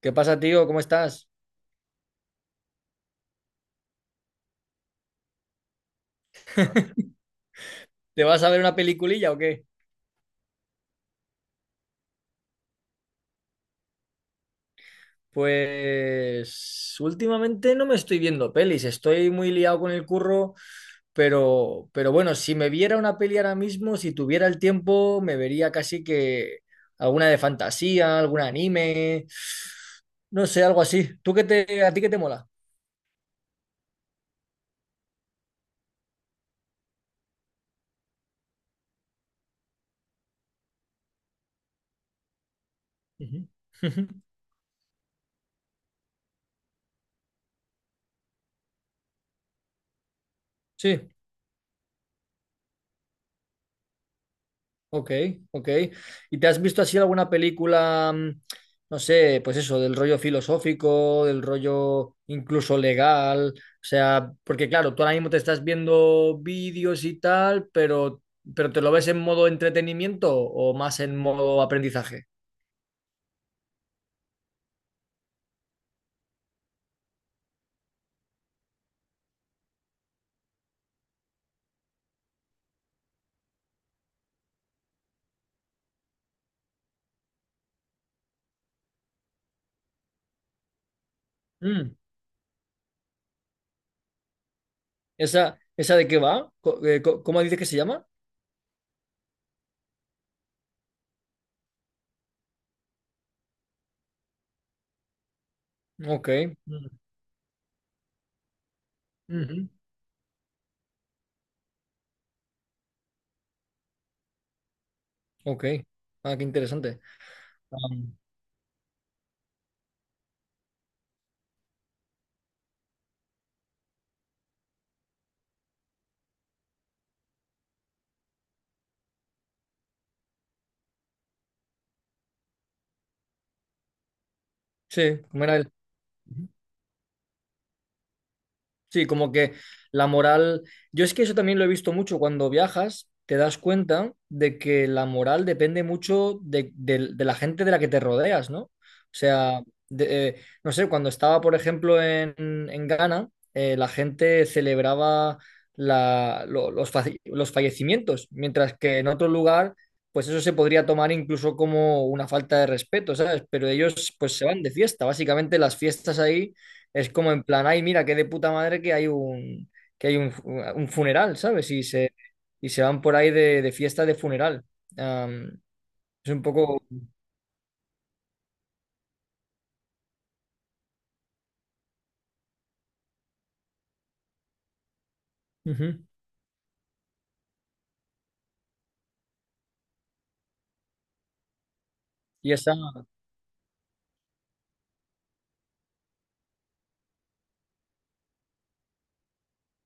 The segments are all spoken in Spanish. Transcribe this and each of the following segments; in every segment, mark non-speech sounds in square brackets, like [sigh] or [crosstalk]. ¿Qué pasa, tío? ¿Cómo estás? [laughs] ¿Te vas a ver una peliculilla o qué? Pues últimamente no me estoy viendo pelis, estoy muy liado con el curro, pero bueno, si me viera una peli ahora mismo, si tuviera el tiempo, me vería casi que alguna de fantasía, algún anime, no sé, algo así. ¿Tú qué te, a ti qué te mola? Ujú. [laughs] Sí. Ok, ok. ¿Y te has visto así alguna película, no sé, pues eso, del rollo filosófico, del rollo incluso legal? O sea, porque claro, tú ahora mismo te estás viendo vídeos y tal, pero, ¿pero te lo ves en modo entretenimiento o más en modo aprendizaje? Mm. ¿Esa de qué va? ¿Cómo dices que se llama? Ok. Mm, ujú, ok. Ah, qué interesante. Ah, sí, ¿cómo era él? Sí, como que la moral, yo es que eso también lo he visto mucho cuando viajas, te das cuenta de que la moral depende mucho de la gente de la que te rodeas, ¿no? O sea, de- eh, no sé, cuando estaba, por ejemplo, en Ghana, la gente celebraba los fallecimientos, mientras que en otro lugar, pues eso se podría tomar incluso como una falta de respeto, ¿sabes? Pero ellos pues se van de fiesta, básicamente las fiestas ahí es como en plan, ay, mira, qué de puta madre que hay un funeral, ¿sabes? Y se van por ahí de fiesta de funeral. Am, es un poco... Ujú. Y esa...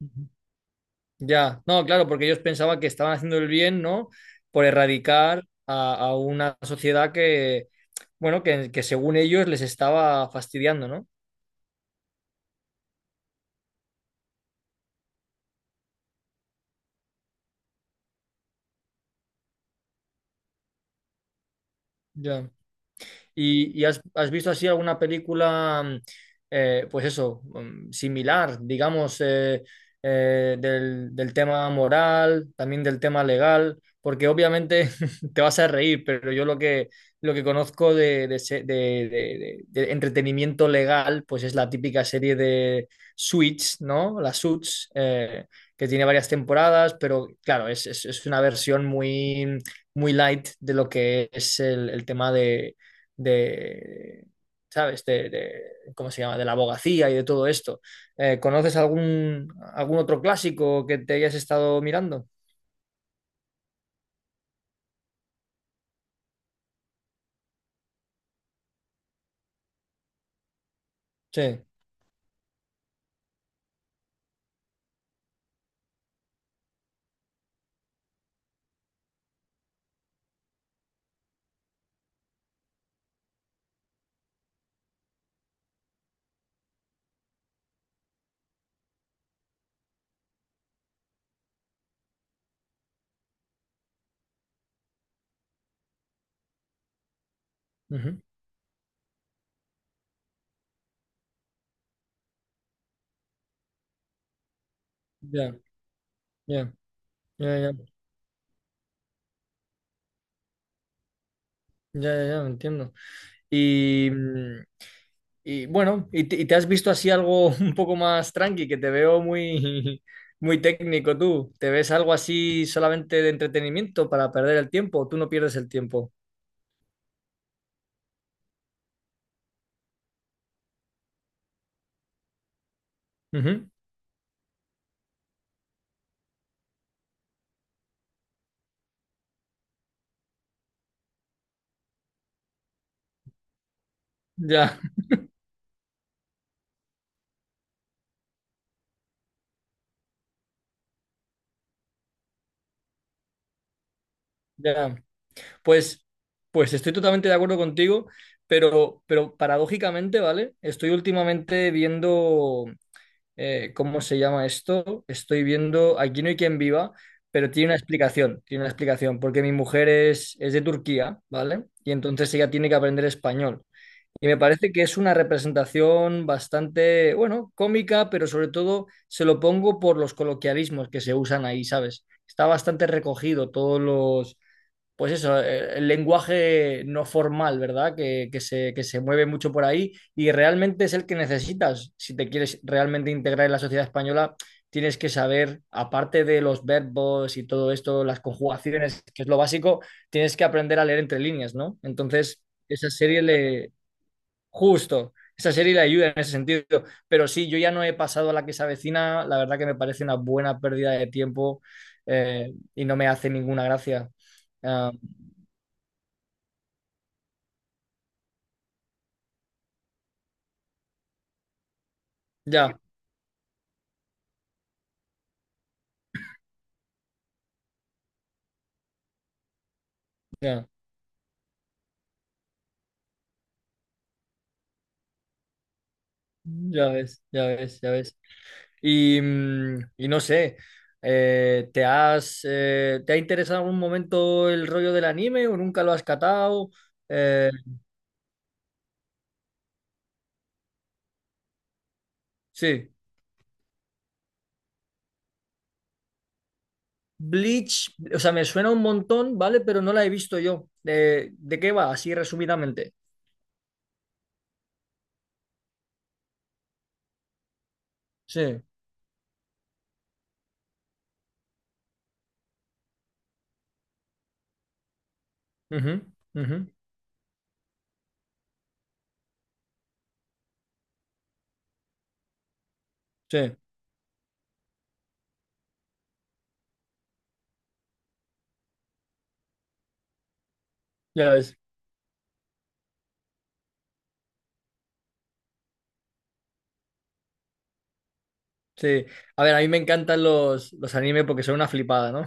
Ujú. Ya, no, claro, porque ellos pensaban que estaban haciendo el bien, ¿no? Por erradicar a una sociedad que, bueno, que según ellos les estaba fastidiando, ¿no? Ya. Y has, has visto así alguna película, pues eso, similar, digamos, del tema moral, también del tema legal? Porque obviamente [laughs] te vas a reír, pero yo lo que conozco de, de entretenimiento legal, pues es la típica serie de Suits, ¿no? La Suits, que tiene varias temporadas, pero claro, es, es una versión muy, muy light de lo que es el tema de, ¿sabes? ¿Cómo se llama? De la abogacía y de todo esto. ¿Conoces algún, algún otro clásico que te hayas estado mirando? Sí. Ujú. Ya, ya, ya, ya, ya, ya, ya, entiendo. Y, y bueno, y te has visto así algo [laughs] un poco más tranqui, que te veo muy, [laughs] muy técnico tú. ¿Te ves algo así solamente de entretenimiento para perder el tiempo? ¿O tú no pierdes el tiempo? Ujú. Ya, ya. Pues, pues estoy totalmente de acuerdo contigo, pero paradójicamente, ¿vale? Estoy últimamente viendo, ¿cómo se llama esto? Estoy viendo Aquí no hay quien viva, pero tiene una explicación, porque mi mujer es de Turquía, ¿vale? Y entonces ella tiene que aprender español. Y me parece que es una representación bastante, bueno, cómica, pero sobre todo se lo pongo por los coloquialismos que se usan ahí, ¿sabes? Está bastante recogido todos los pues eso, el lenguaje no formal, ¿verdad? Que se mueve mucho por ahí y realmente es el que necesitas. Si te quieres realmente integrar en la sociedad española, tienes que saber, aparte de los verbos y todo esto, las conjugaciones, que es lo básico, tienes que aprender a leer entre líneas, ¿no? Entonces, esa serie le... Justo, esa serie le ayuda en ese sentido. Pero sí, yo ya no he pasado a la que se avecina, la verdad que me parece una buena pérdida de tiempo y no me hace ninguna gracia. Ah, ya, ya, ya ves, ya ves, ya ves. Y, y no sé, ¿te has, ¿te ha interesado en algún momento el rollo del anime o nunca lo has catado? Eh, sí, Bleach, o sea, me suena un montón, ¿vale? Pero no la he visto yo. De qué va? Así resumidamente. Sí, ujú, ujú, sí, ya ves. Sí, a ver, a mí me encantan los animes porque son una flipada, ¿no?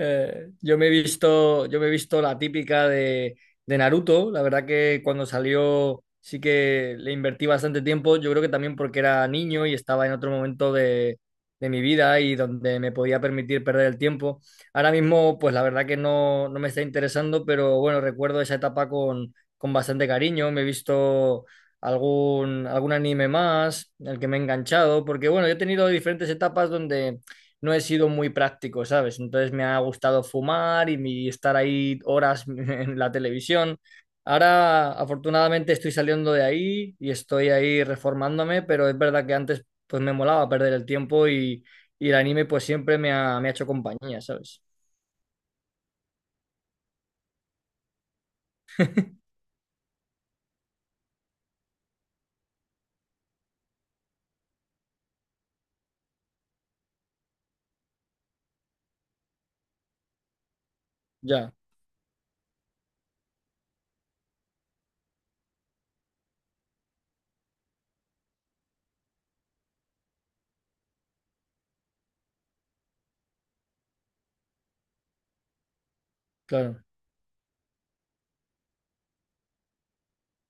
Yo me he visto, yo me he visto la típica de Naruto. La verdad que cuando salió sí que le invertí bastante tiempo. Yo creo que también porque era niño y estaba en otro momento de mi vida y donde me podía permitir perder el tiempo. Ahora mismo, pues la verdad que no, no me está interesando, pero bueno, recuerdo esa etapa con bastante cariño. Me he visto algún, algún anime más, el que me he enganchado, porque bueno, yo he tenido diferentes etapas donde no he sido muy práctico, ¿sabes? Entonces me ha gustado fumar y estar ahí horas [laughs] en la televisión. Ahora, afortunadamente, estoy saliendo de ahí y estoy ahí reformándome, pero es verdad que antes pues me molaba perder el tiempo y el anime pues siempre me ha hecho compañía, ¿sabes? Ya, claro.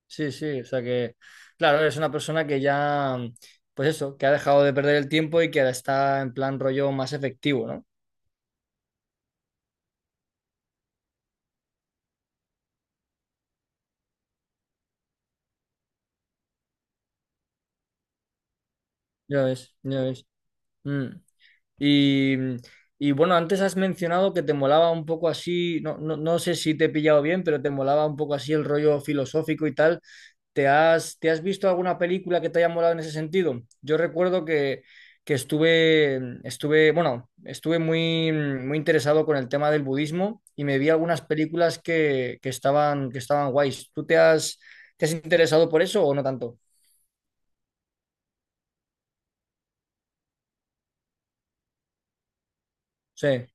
Sí, sí, o sea que, claro, eres una persona que ya, pues eso, que ha dejado de perder el tiempo y que ahora está en plan rollo más efectivo, ¿no? Ya ves, ya ves. Mm. Y, y bueno, antes has mencionado que te molaba un poco así, no, no, no sé si te he pillado bien, pero te molaba un poco así el rollo filosófico y tal. Te has visto alguna película que te haya molado en ese sentido? Yo recuerdo que estuve, estuve, bueno, estuve muy, muy interesado con el tema del budismo y me vi algunas películas que estaban guays. ¿Tú te has interesado por eso o no tanto? Sí,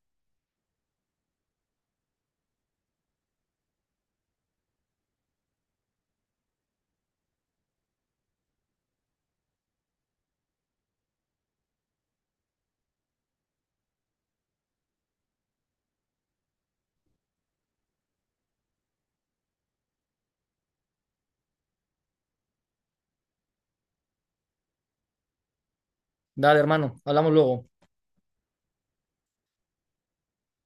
dale, hermano, hablamos luego.